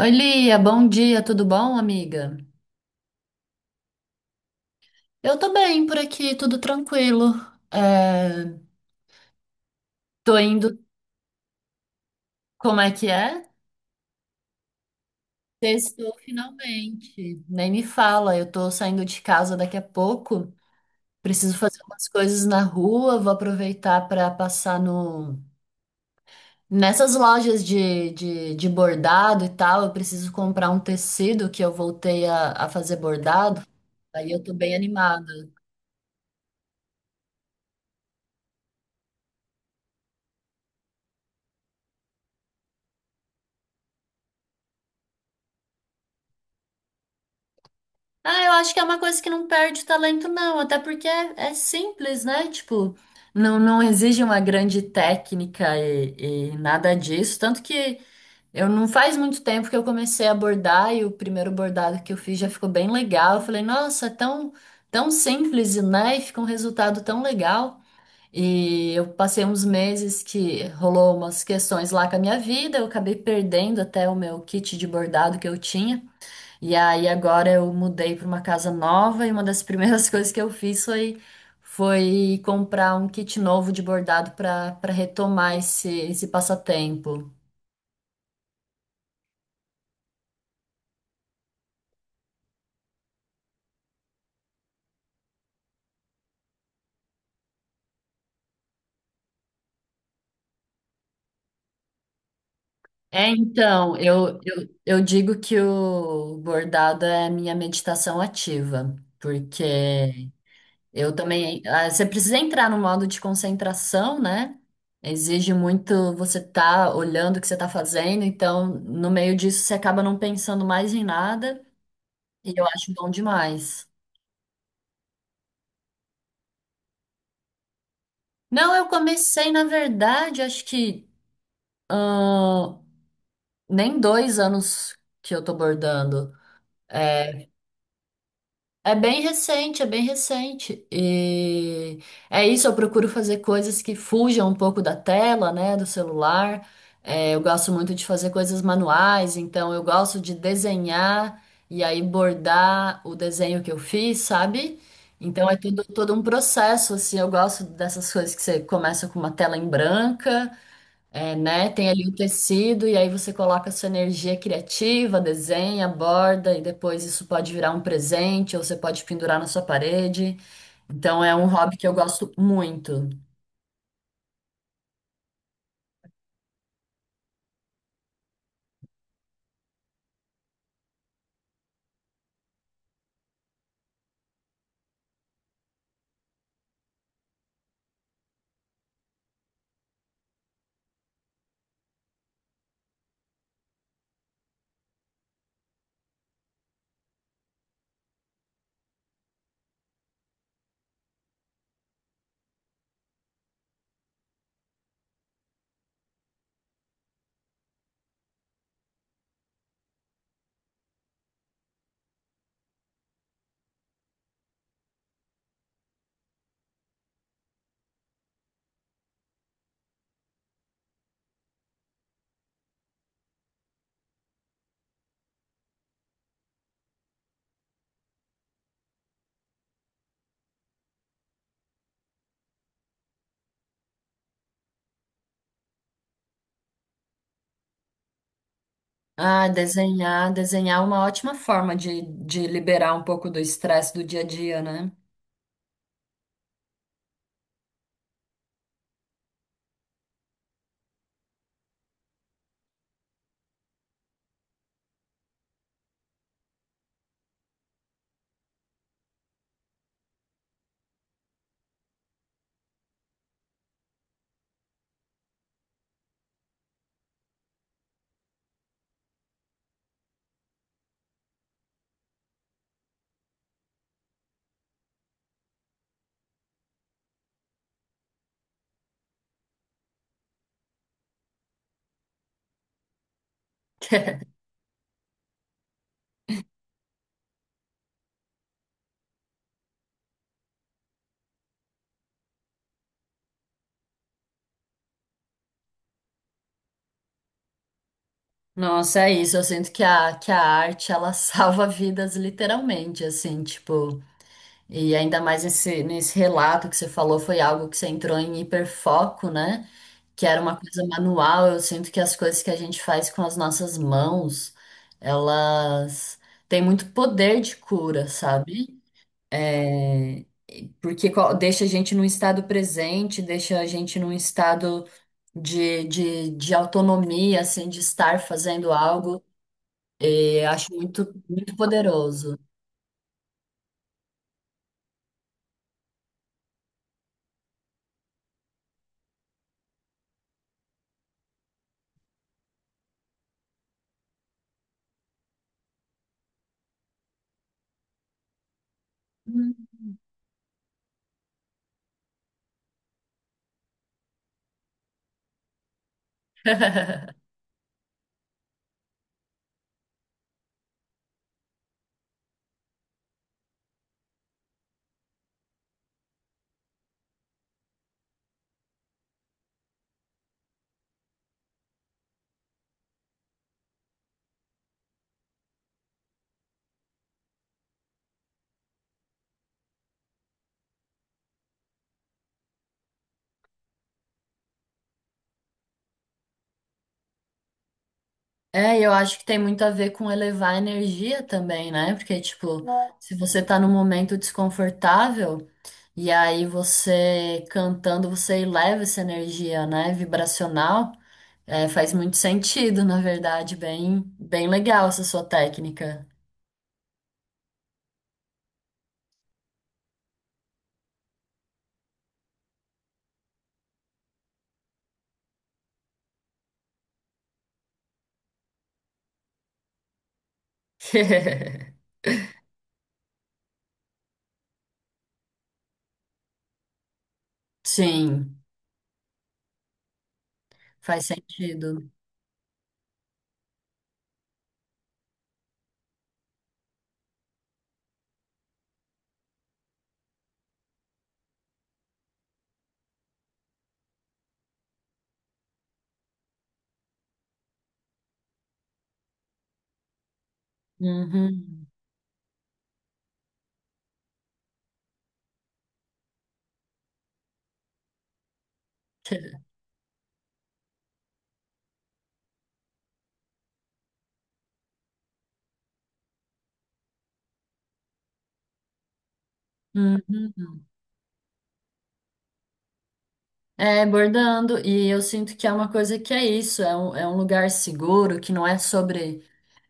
Oi, Lia, bom dia, tudo bom, amiga? Eu tô bem por aqui, tudo tranquilo. É, tô indo, como é que é? Sextou finalmente. Nem me fala, eu tô saindo de casa daqui a pouco. Preciso fazer umas coisas na rua, vou aproveitar para passar no nessas lojas de bordado e tal. Eu preciso comprar um tecido que eu voltei a fazer bordado. Aí eu tô bem animada. Ah, eu acho que é uma coisa que não perde talento, não, até porque é simples, né? Tipo, não exige uma grande técnica e nada disso. Tanto que eu não faz muito tempo que eu comecei a bordar e o primeiro bordado que eu fiz já ficou bem legal. Eu falei, nossa, é tão, tão simples, né? E fica um resultado tão legal. E eu passei uns meses que rolou umas questões lá com a minha vida, eu acabei perdendo até o meu kit de bordado que eu tinha. E aí agora eu mudei para uma casa nova e uma das primeiras coisas que eu fiz foi, foi comprar um kit novo de bordado para retomar esse, esse passatempo. É, então, eu digo que o bordado é a minha meditação ativa, porque eu também. Você precisa entrar no modo de concentração, né? Exige muito você estar olhando o que você está fazendo, então, no meio disso, você acaba não pensando mais em nada. Eu acho bom demais. Não, eu comecei, na verdade, acho que ahn, nem 2 anos que eu tô bordando. É, é bem recente, é bem recente. E é isso, eu procuro fazer coisas que fujam um pouco da tela, né, do celular. É, eu gosto muito de fazer coisas manuais, então eu gosto de desenhar e aí bordar o desenho que eu fiz, sabe? Então é tudo, todo um processo, assim, eu gosto dessas coisas que você começa com uma tela em branca é, né? Tem ali o tecido e aí você coloca a sua energia criativa, desenha, borda e depois isso pode virar um presente ou você pode pendurar na sua parede. Então é um hobby que eu gosto muito. Ah, desenhar, desenhar é uma ótima forma de liberar um pouco do estresse do dia a dia, né? Nossa, é isso. Eu sinto que a arte, ela salva vidas literalmente, assim, tipo. E ainda mais nesse, nesse relato que você falou, foi algo que você entrou em hiperfoco, né? Que era uma coisa manual. Eu sinto que as coisas que a gente faz com as nossas mãos, elas têm muito poder de cura, sabe? É, porque co- deixa a gente num estado presente, deixa a gente num estado de autonomia, assim, de estar fazendo algo. E eu acho muito, muito poderoso. Hum. É, e eu acho que tem muito a ver com elevar a energia também, né? Porque, tipo, é. Se você tá num momento desconfortável, e aí você cantando, você eleva essa energia, né? Vibracional, é, faz muito sentido, na verdade. Bem, bem legal essa sua técnica. Sim, faz sentido. Uhum, uhum. É, bordando, e eu sinto que é uma coisa que é isso, é um lugar seguro, que não é sobre.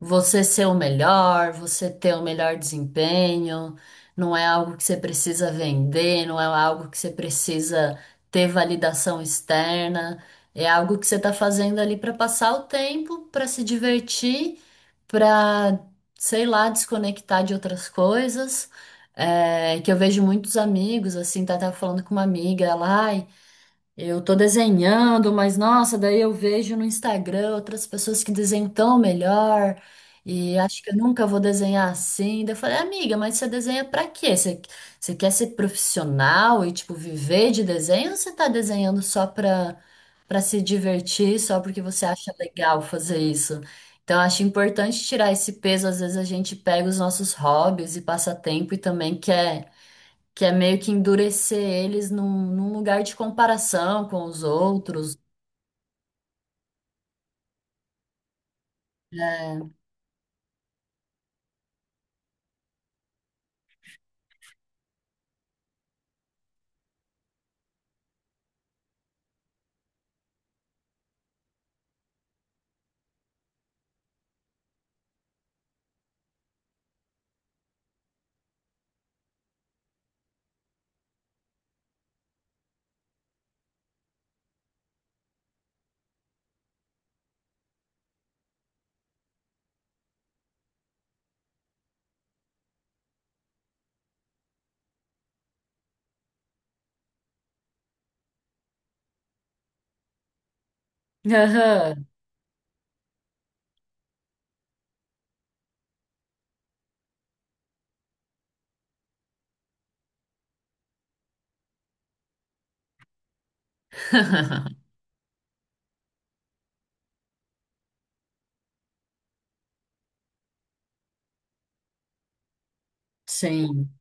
Você ser o melhor, você ter o melhor desempenho, não é algo que você precisa vender, não é algo que você precisa ter validação externa, é algo que você está fazendo ali para passar o tempo, para se divertir, para, sei lá, desconectar de outras coisas. É, que eu vejo muitos amigos, assim, tá, tava falando com uma amiga, ela, ai. Eu tô desenhando, mas nossa, daí eu vejo no Instagram outras pessoas que desenham tão melhor e acho que eu nunca vou desenhar assim. Daí eu falei, amiga, mas você desenha pra quê? Você, você quer ser profissional e, tipo, viver de desenho ou você tá desenhando só pra, pra se divertir, só porque você acha legal fazer isso? Então, acho importante tirar esse peso. Às vezes a gente pega os nossos hobbies e passatempo e também quer que é meio que endurecer eles num, num lugar de comparação com os outros. É. Aham. Sim,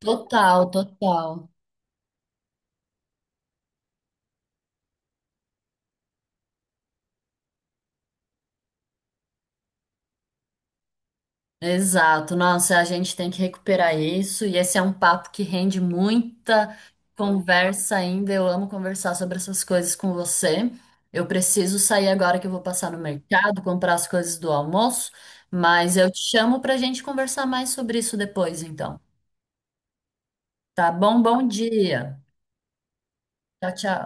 total, total. Exato. Nossa, a gente tem que recuperar isso e esse é um papo que rende muita conversa ainda. Eu amo conversar sobre essas coisas com você. Eu preciso sair agora que eu vou passar no mercado, comprar as coisas do almoço, mas eu te chamo para a gente conversar mais sobre isso depois, então. Tá bom? Bom dia. Tchau, tchau.